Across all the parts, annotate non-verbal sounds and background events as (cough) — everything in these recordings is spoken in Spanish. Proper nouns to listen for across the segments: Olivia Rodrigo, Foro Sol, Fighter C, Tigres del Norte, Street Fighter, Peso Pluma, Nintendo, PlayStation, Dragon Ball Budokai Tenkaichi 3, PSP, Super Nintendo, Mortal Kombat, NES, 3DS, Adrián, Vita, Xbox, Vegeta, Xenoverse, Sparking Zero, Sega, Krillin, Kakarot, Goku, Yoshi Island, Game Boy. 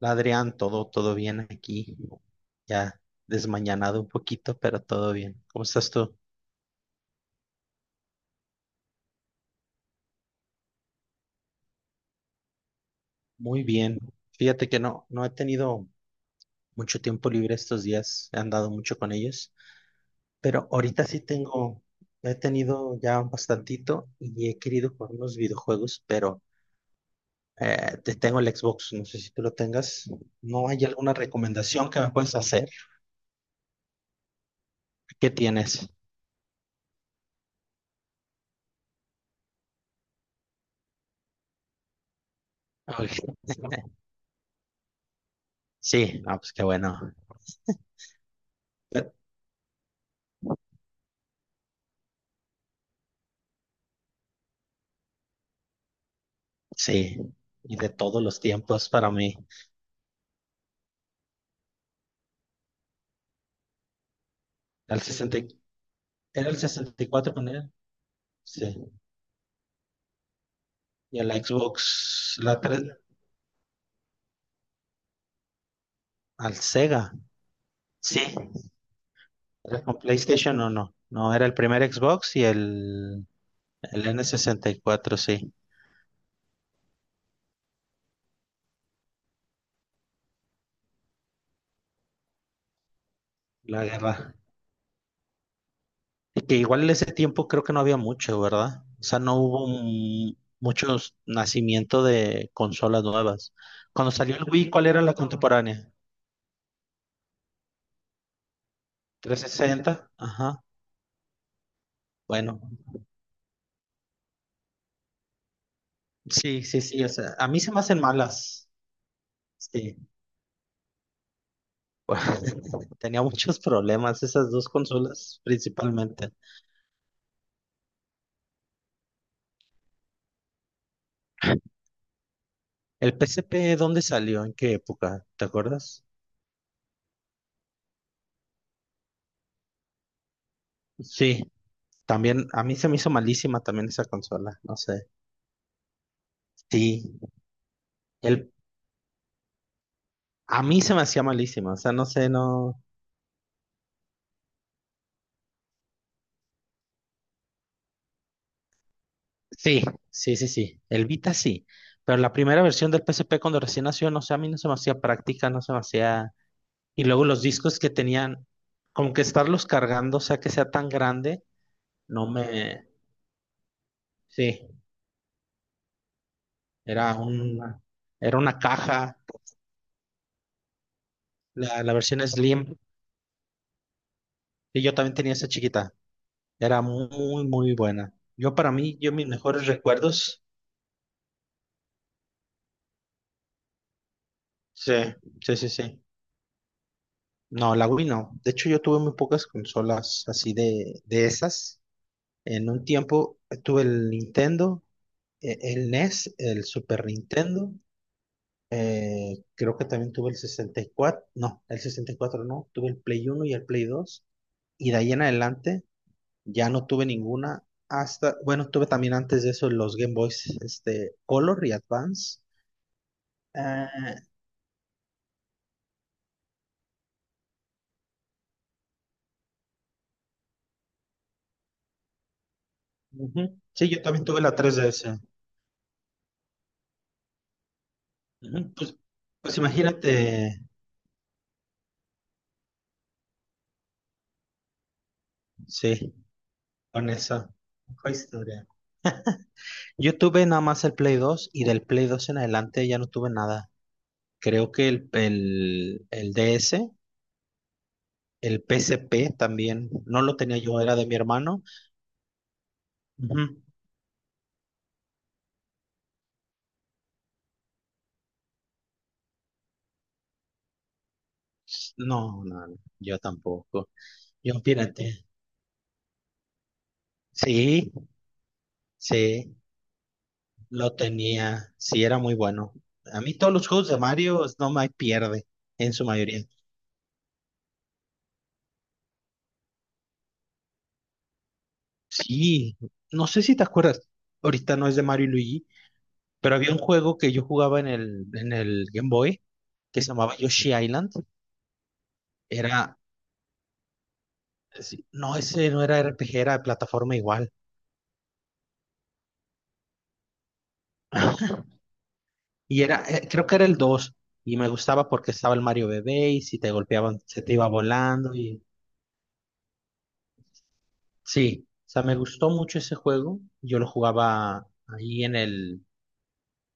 Hola, Adrián, todo bien aquí, ya desmañanado un poquito, pero todo bien. ¿Cómo estás tú? Muy bien. Fíjate que no he tenido mucho tiempo libre estos días, he andado mucho con ellos, pero ahorita sí tengo, he tenido ya un bastantito y he querido jugar unos videojuegos, pero te tengo el Xbox, no sé si tú lo tengas. ¿No hay alguna recomendación que me puedes hacer? ¿Qué tienes? Ok. Sí, no, pues qué bueno. Sí, y de todos los tiempos para mí. Al 60, y- ¿Era el 64 con él? Sí. Y a la Xbox, la 3, al Sega. Sí. ¿Era con PlayStation o no? No, era el primer Xbox y el n 64. Sí. La guerra. Y que igual en ese tiempo creo que no había mucho, ¿verdad? O sea, no hubo muchos nacimiento de consolas nuevas. Cuando salió el Wii, ¿cuál era la contemporánea? 360. Ajá. Bueno, sí, sí, sí, o sea, a mí se me hacen malas. Sí, (laughs) tenía muchos problemas esas dos consolas principalmente. ¿El PSP dónde salió? ¿En qué época? ¿Te acuerdas? Sí, también a mí se me hizo malísima también esa consola, no sé. Sí, el a mí se me hacía malísima, o sea, no sé, no. Sí, sí, sí, sí. El Vita sí, pero la primera versión del PSP cuando recién nació, no sé, a mí no se me hacía práctica, no se me hacía. Y luego los discos que tenían, como que estarlos cargando, o sea, que sea tan grande, no me. Sí, era una, era una caja, la versión Slim, y yo también tenía esa chiquita. Era muy, muy buena. Yo para mí, yo mis mejores recuerdos, sí, sí, sí, sí. No, la Wii no. De hecho, yo tuve muy pocas consolas así de esas. En un tiempo tuve el Nintendo, el NES, el Super Nintendo. Creo que también tuve el 64, no, el 64 no, tuve el Play uno y el Play 2 y de ahí en adelante ya no tuve ninguna, hasta, bueno, tuve también antes de eso los Game Boys, este, Color y Advance. Ah, ujú. Sí, yo también tuve la 3DS. Ujú. Pues imagínate, sí, con esa fue historia. Yo tuve nada más el Play 2 y del Play 2 en adelante ya no tuve nada. Creo que el DS. El PSP también, no lo tenía yo, era de mi hermano. Ujú. No, no, no, yo tampoco. Yo, fíjate, sí, sí, lo tenía, sí, era muy bueno. A mí todos los juegos de Mario no me pierde, en su mayoría. Sí, no sé si te acuerdas, ahorita no es de Mario y Luigi, pero había un juego que yo jugaba en el Game Boy que se llamaba Yoshi Island. Era, sí, no, ese no era RPG, era de plataforma igual. (laughs) Y creo que era el 2 y me gustaba porque estaba el Mario Bebé, y si te golpeaban, se te iba volando, y sí, o sea, me gustó mucho ese juego, yo lo jugaba ahí en el,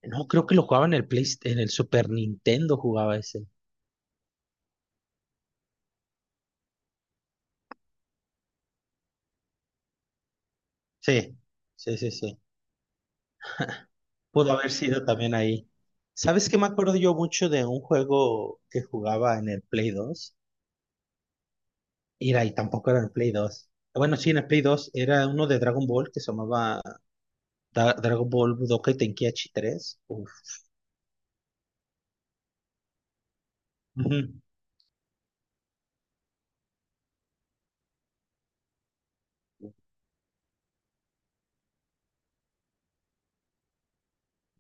no, creo que lo jugaba en el Play, en el Super Nintendo jugaba ese, sí, sí, sí, sí, pudo haber sido también ahí. ¿Sabes qué me acuerdo yo mucho de un juego que jugaba en el Play dos? Y tampoco era en el Play dos. Bueno, sí, en el Play 2 era uno de Dragon Ball que se llamaba Dragon Ball Budokai Tenkaichi 3. Uf. Ujú,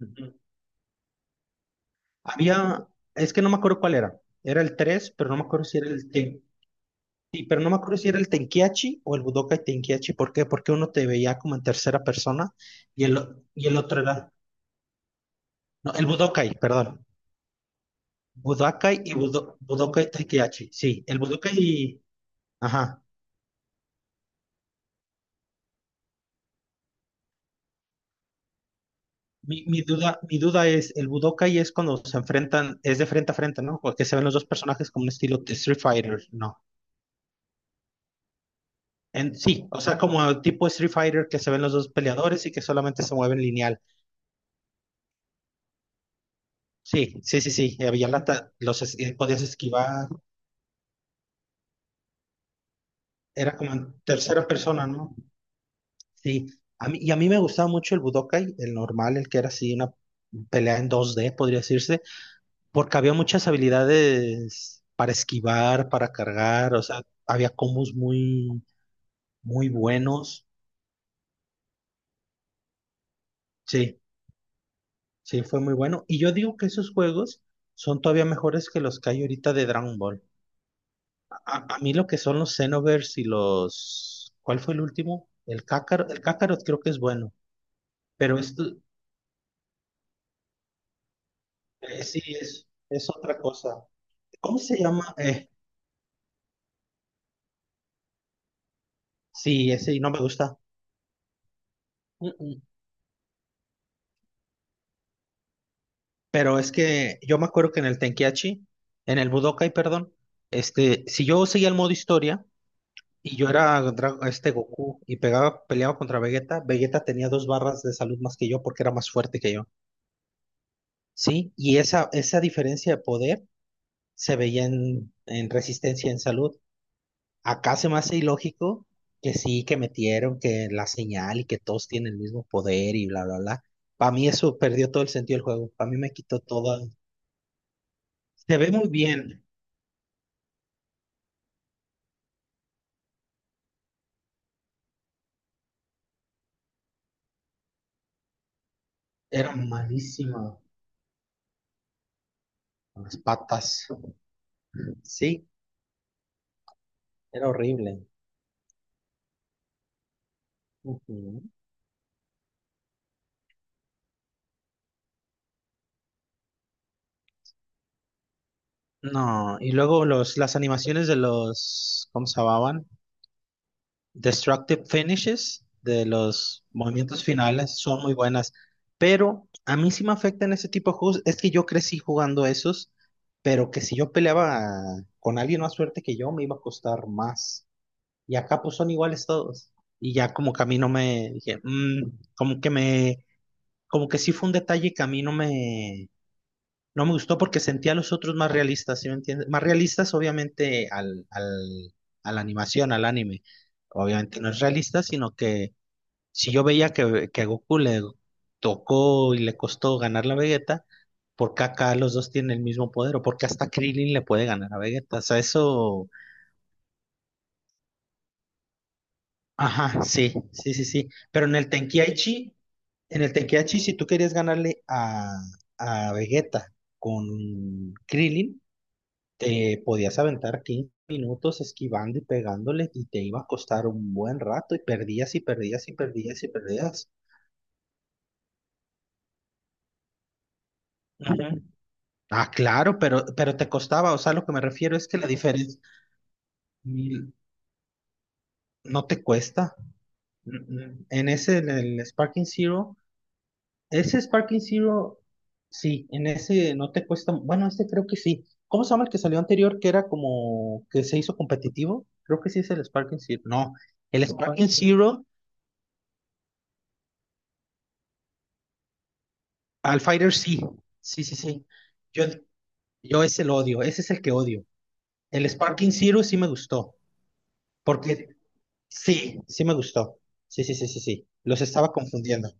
ujú. Había, es que no me acuerdo cuál era. Era el tres, pero no me acuerdo si era sí, pero no me acuerdo si era el Tenkiachi o el Budokai Tenkiachi. ¿Por qué? Porque uno te veía como en tercera persona y y el otro era, no, el Budokai, perdón. Budokai y Budokai Tenkiachi. Sí, el Budokai y, ajá. Mi duda es, el Budokai es cuando se enfrentan, es de frente a frente, ¿no? Porque se ven los dos personajes como un estilo de Street Fighter, ¿no? Sí, o sea, como el tipo Street Fighter que se ven los dos peleadores y que solamente se mueven lineal. Sí, sí, sí, sí. Había la ta- los es- Podías esquivar. Era como en tercera persona, ¿no? Sí. A mí me gustaba mucho el Budokai, el normal, el que era así una pelea en 2D, podría decirse, porque había muchas habilidades para esquivar, para cargar, o sea, había combos muy, muy buenos. Sí, sí, fue muy bueno. Y yo digo que esos juegos son todavía mejores que los que hay ahorita de Dragon Ball. A mí lo que son los Xenoverse y los. ¿Cuál fue el último? El Kakarot creo que es bueno, pero esto sí es otra cosa. ¿Cómo se llama? Sí, ese no me gusta. Mm, mm. Pero es que yo me acuerdo que en el Tenkiachi, en el Budokai, perdón, este, si yo seguía el modo historia y yo era Goku y peleaba contra Vegeta, Vegeta tenía dos barras de salud más que yo porque era más fuerte que yo. Sí, y esa diferencia de poder se veía en Resistencia en Salud. Acá se me hace ilógico que sí, que metieron, que la señal y que todos tienen el mismo poder y bla, bla, bla. Para mí eso perdió todo el sentido del juego. Para mí me quitó toda. Se ve muy bien. Era malísima con las patas. Sí, era horrible. Ujú. No, y luego las animaciones de los, ¿cómo se llamaban? Destructive finishes de los movimientos finales son muy buenas, pero a mí sí me afectan ese tipo de juegos. Es que yo crecí jugando esos, pero que si yo peleaba con alguien más fuerte que yo, me iba a costar más. Y acá pues son iguales todos. Y ya como que a mí no me dije, "Mm", como que sí fue un detalle que a mí no me gustó porque sentía a los otros más realistas, ¿sí me entiendes? Más realistas, obviamente, a la animación, al anime. Obviamente no es realista, sino que si yo veía que a Goku le tocó y le costó ganar la Vegeta, ¿por qué acá los dos tienen el mismo poder? ¿O porque hasta Krillin le puede ganar a Vegeta? O sea, eso. Ajá, sí, sí, sí, sí. Pero en el Tenkaichi, si tú querías ganarle a Vegeta con Krillin. Te podías aventar 15 minutos esquivando y pegándole y te iba a costar un buen rato y perdías y perdías y perdías y perdías. Ujú. Ah, claro, pero te costaba, o sea, lo que me refiero es que la diferencia mm, no te cuesta. Mm, mm. En el Sparking Zero, ese Sparking Zero, sí, en ese no te cuesta, bueno, este creo que sí. ¿Cómo se llama el que salió anterior que era como que se hizo competitivo? Creo que sí es el Sparking Zero. No, el ¿Cuál? Sparking Zero. Al Fighter sí, sí, sí, sí. Yo, yo ese lo odio, ese es el que odio. El Sparking Zero sí me gustó, porque sí, sí me gustó. Sí, sí, sí, sí, sí. Los estaba confundiendo.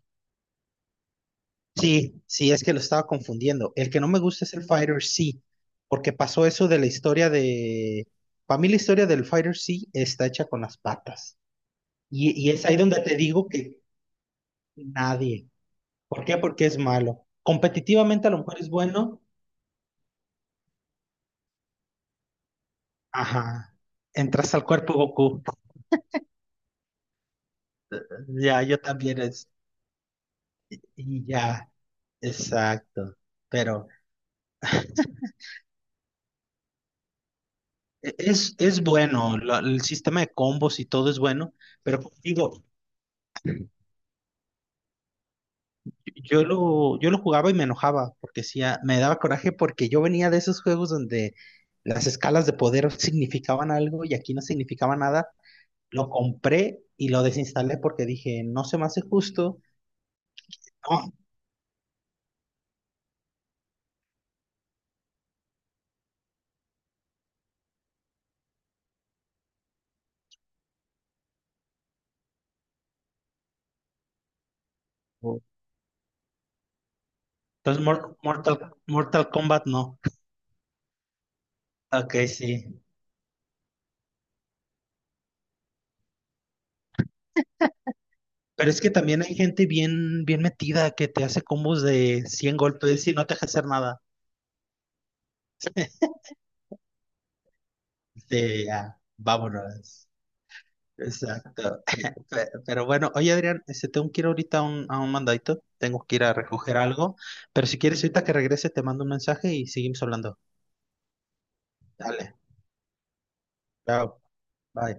Sí, sí, es que lo estaba confundiendo. El que no me gusta es el Fighter C, porque pasó eso de la historia de. Para mí la historia del Fighter C está hecha con las patas. Y es ahí donde te digo que nadie. ¿Por qué? Porque es malo. Competitivamente a lo mejor es bueno. Ajá. Entras al cuerpo Goku. Ya, yo también es, y ya, exacto. Pero es bueno, el sistema de combos y todo es bueno, pero como digo, yo lo jugaba y me enojaba, porque sí, me daba coraje porque yo venía de esos juegos donde las escalas de poder significaban algo y aquí no significaba nada. Lo compré y lo desinstalé porque dije, no se me hace justo. No. Entonces, Mortal Kombat no. Ok, sí. Pero es que también hay gente bien, bien metida que te hace combos de 100 golpes y no te deja hacer nada. Vámonos. Exacto. (laughs) Pero bueno, oye Adrián, este, tengo que ir ahorita a un mandadito. Tengo que ir a recoger algo. Pero si quieres, ahorita que regrese, te mando un mensaje y seguimos hablando. Dale. Chao. Bye.